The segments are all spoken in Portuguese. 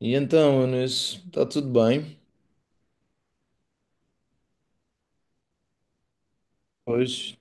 E então, Eunice, está tudo bem? Hoje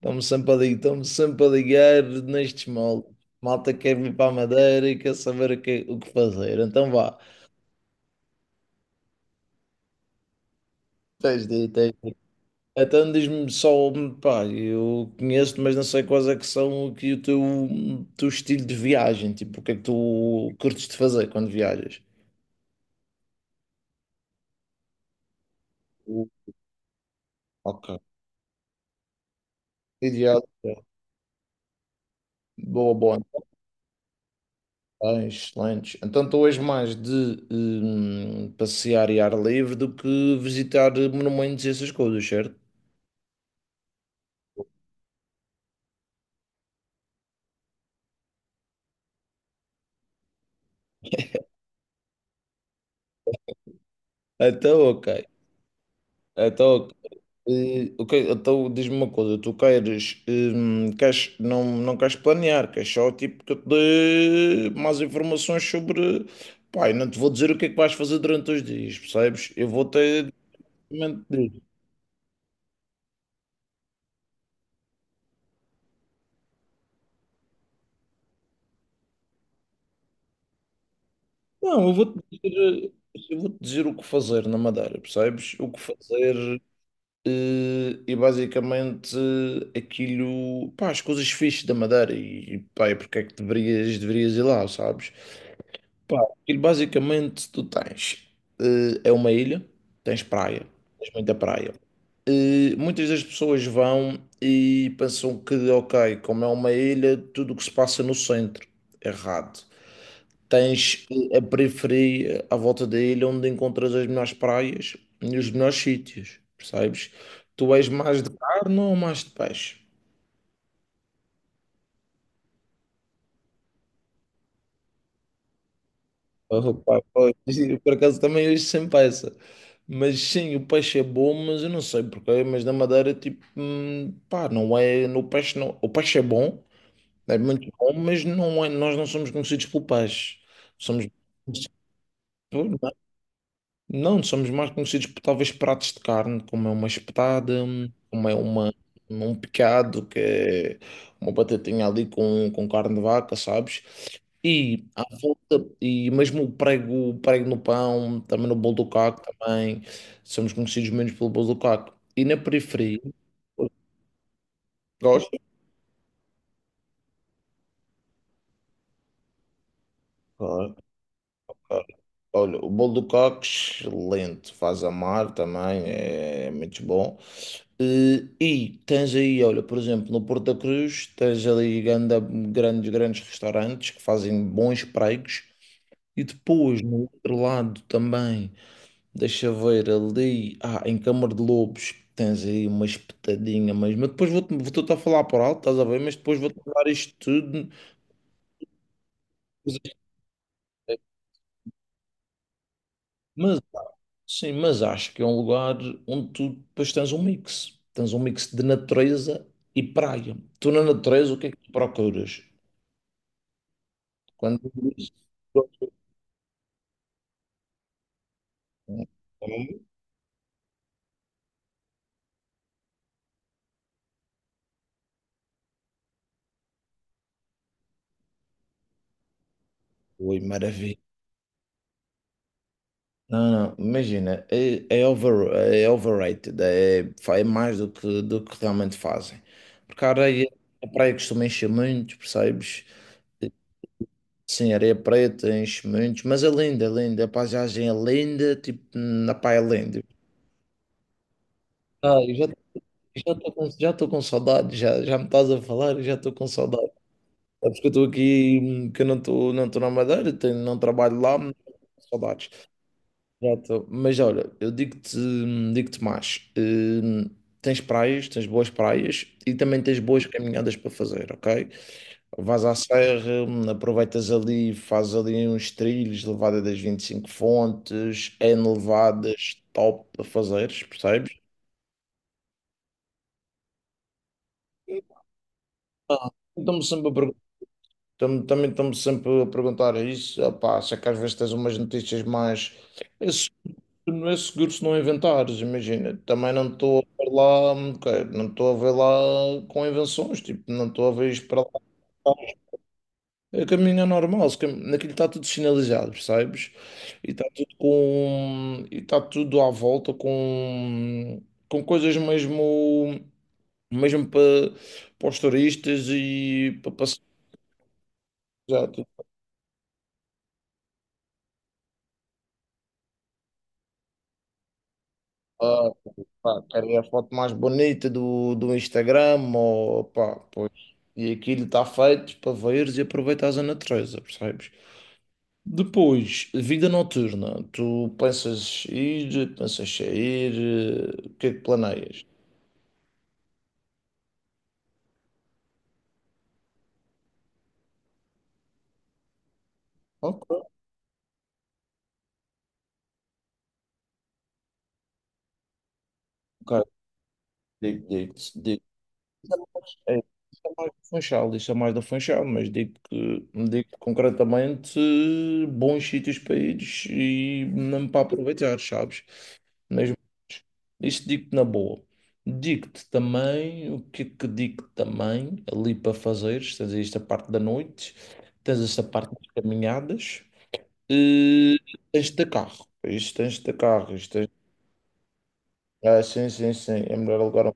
estamos sempre a ligar, estamos sempre a ligar nestes moldes. Malta quer vir para a Madeira e quer saber o que fazer. Então vá, tens de ir, tens de ir. Então diz-me só, pá, eu conheço-te, mas não sei quais é que são aqui o teu estilo de viagem. Tipo, o que é que tu curtes de fazer quando viajas? O- Ok. Ideal. Boa, boa. Lanche, lanche. Então estou hoje mais de passear e ar livre do que visitar monumentos e essas coisas, certo? Então, ok. Então, ok. Ok, então diz-me uma coisa, tu queres não queres planear, queres só tipo que eu te dê mais informações sobre. Pai, não te vou dizer o que é que vais fazer durante os dias, percebes? Eu vou ter. Não, eu vou-te dizer o que fazer na Madeira, percebes? O que fazer. E basicamente aquilo, pá, as coisas fixes da Madeira e pá, e porque é que deverias ir lá, sabes? Pá, aquilo basicamente tu tens, é uma ilha, tens praia, tens muita praia. Muitas das pessoas vão e pensam que, ok, como é uma ilha, tudo o que se passa no centro, é errado. Tens a periferia à volta da ilha onde encontras as melhores praias e os melhores sítios, percebes? Tu és mais de carne ou mais de peixe? Oh, pá, pois, eu, por acaso também hoje sem peça. Mas sim, o peixe é bom, mas eu não sei porquê, mas na Madeira, tipo, pá, não é, no peixe não, o peixe é bom, é muito bom, mas não é, nós não somos conhecidos pelo peixe. Somos Não, somos mais conhecidos por talvez pratos de carne, como é uma espetada, como é uma, um picado, que é uma batatinha ali com carne de vaca, sabes? E à volta, e mesmo o prego no pão, também no bolo do caco, também somos conhecidos menos pelo bolo do caco. E na periferia, gosto. Claro, claro. Olha, o bolo do caco, excelente, faz amar também, é muito bom. E tens aí, olha, por exemplo, no Porto da Cruz, tens ali grandes restaurantes que fazem bons pregos. E depois, no outro lado também, deixa ver ali, em Câmara de Lobos, tens aí uma espetadinha mesmo. Mas depois vou-te a falar por alto, estás a ver? Mas depois vou-te dar isto tudo. Mas, sim, mas acho que é um lugar onde tu depois tens um mix. Tens um mix de natureza e praia. Tu na natureza, o que é que tu procuras? Quando Ui, maravilha. Não, não, imagina, é overrated, é mais do que, realmente fazem. Porque a areia, a praia costuma encher muito, percebes? Sim, areia preta enche muito, mas é linda, a paisagem é linda, tipo, na praia é linda. Ah, eu já estou com, já tô com saudade, já me estás a falar, eu já estou com saudade. É porque eu estou aqui, que eu não estou na Madeira, tenho, não trabalho lá, mas tô com saudades. Já estou. Mas olha, eu digo-te mais. Tens praias, tens boas praias e também tens boas caminhadas para fazer, ok? Vais à serra, aproveitas ali, fazes ali uns trilhos, levada das vinte e cinco fontes, N levadas, top para fazeres, percebes? E estão-me sempre a pergun- Também estão-me sempre a perguntar isso, opá, se é que às vezes tens umas notícias mais. Não é seguro se não inventares, imagina. Também não estou a ver lá, ok, não estou a ver lá com invenções, tipo, não estou a ver isto para lá. O caminho é normal, se cam- naquilo está tudo sinalizado, percebes? E está tudo com, e está tudo à volta com, coisas mesmo, mesmo para os turistas e para passar. Ah, pá, querem a foto mais bonita do Instagram, ou pá, pois. E aquilo está feito para veres e aproveitares a natureza, percebes? Depois, vida noturna. Tu pensas ir, pensas sair, o que é que planeias? Ok, ok, digo, digo, digo. Isso é mais é, isso é mais do Funchal, mas digo concretamente bons sítios para ires e mesmo para aproveitar, sabes? Nas Isto digo-te na boa. Digo-te também, o que é que digo também, ali para fazeres, tens esta parte da noite, tens esta parte das caminhadas, e tens de ter carro, isto tens de ter carro, isto tens... Ah, sim, sim, sim, é melhor alugar um...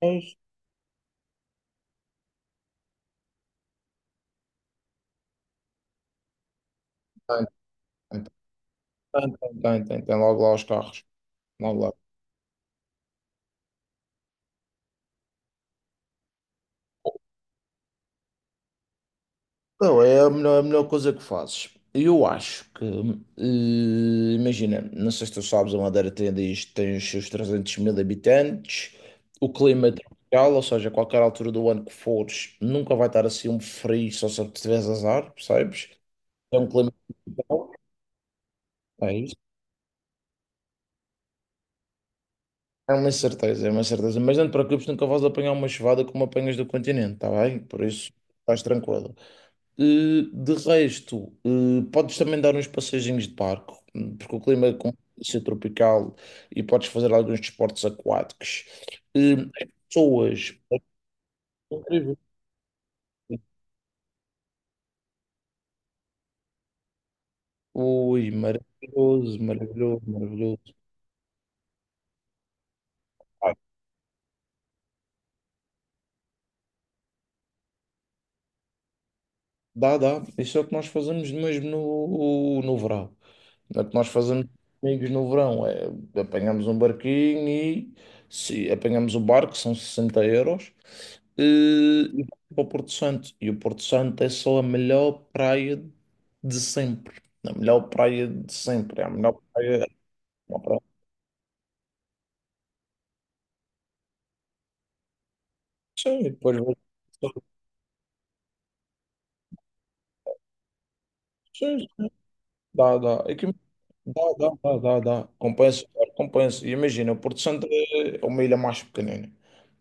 Tem, tem, tem, tem, tem, tem, tem logo lá os carros, logo lá. Não, é a melhor coisa que fazes. Eu acho que, imagina, não sei se tu sabes, a Madeira tem os seus 300 mil habitantes, o clima é tropical, ou seja, a qualquer altura do ano que fores, nunca vai estar assim um frio, só se tiveres azar, percebes? É um clima tropical. É uma certeza, é uma certeza. Mas não te preocupes, nunca vais apanhar uma chuvada como apanhas do continente, tá bem? Por isso, estás tranquilo. De resto, podes também dar uns passeizinhos de barco, porque o clima é ser tropical e podes fazer alguns desportos aquáticos. Eh, as pessoas, incrível. Ui, maravilhoso, maravilhoso, maravilhoso. Ah, dá, dá. Isso é o que nós fazemos mesmo no verão. É o que nós fazemos com amigos no verão, é apanhamos um barquinho e se apanhamos o barco, são 60 euros, e, e, vamos para o Porto Santo. E o Porto Santo é só a melhor praia de sempre. A melhor praia de sempre. É a melhor praia. Uma praia. Sim, e depois sim, dá, dá. É que dá, dá, dá, dá, dá. Compensa, claro, compensa. E imagina, o Porto Santo é uma ilha mais pequenina.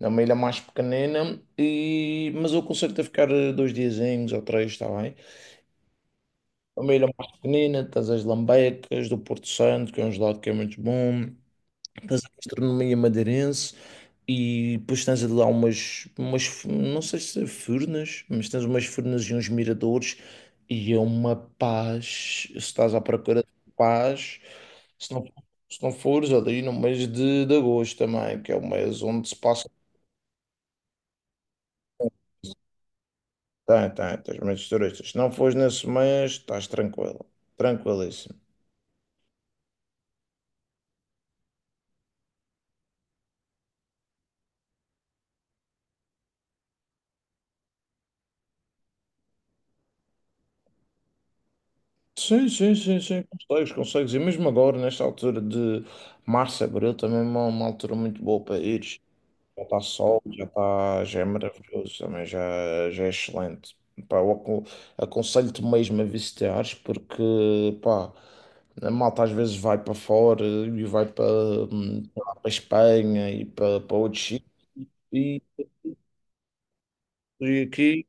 É uma ilha mais pequenina, e... mas eu consigo-te ficar dois diazinhos ou três, está bem? É uma ilha mais pequenina, tens as lambecas do Porto Santo, que é um gelado que é muito bom. Tens a gastronomia madeirense e depois tens lá não sei se é furnas, mas tens umas furnas e uns miradores e é uma paz. Se estás à procura de paz, se não, se não fores ali no mês de, agosto também, que é o mês onde se passa, tens muitos turistas. Se não fores nesse mês, estás tranquilo, tranquilíssimo. Sim, sim, sim, sim, consegues, consegues. E mesmo agora, nesta altura de março, abril, também é uma altura muito boa para ir. Já está sol, já está, já é maravilhoso também, já é excelente. Pá, eu aconselho-te mesmo a visitares porque, pá, a malta às vezes vai para fora e vai para a Espanha e para outros sítios e, e, aqui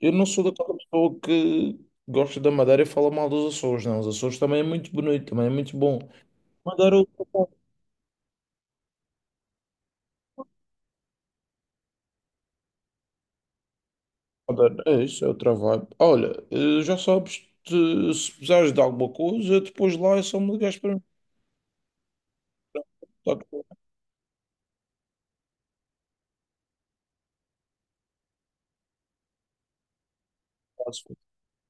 eu não sou daquela pessoa que gosta da Madeira e fala mal dos Açores, não. Os Açores também é muito bonito, também é muito bom. Madeira Moderno, é isso, é outra vibe. Olha, já sabes, se precisares de alguma coisa, depois lá é só me ligares para mim. Tá tudo bem, tá tudo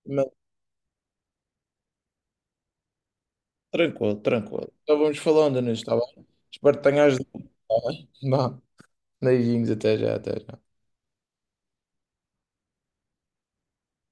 bem. Tranquilo, tranquilo. Então vamos falando nisso, está bem? Espero que tenhas. Tá bem? Vá. Beijinhos, até já, até já.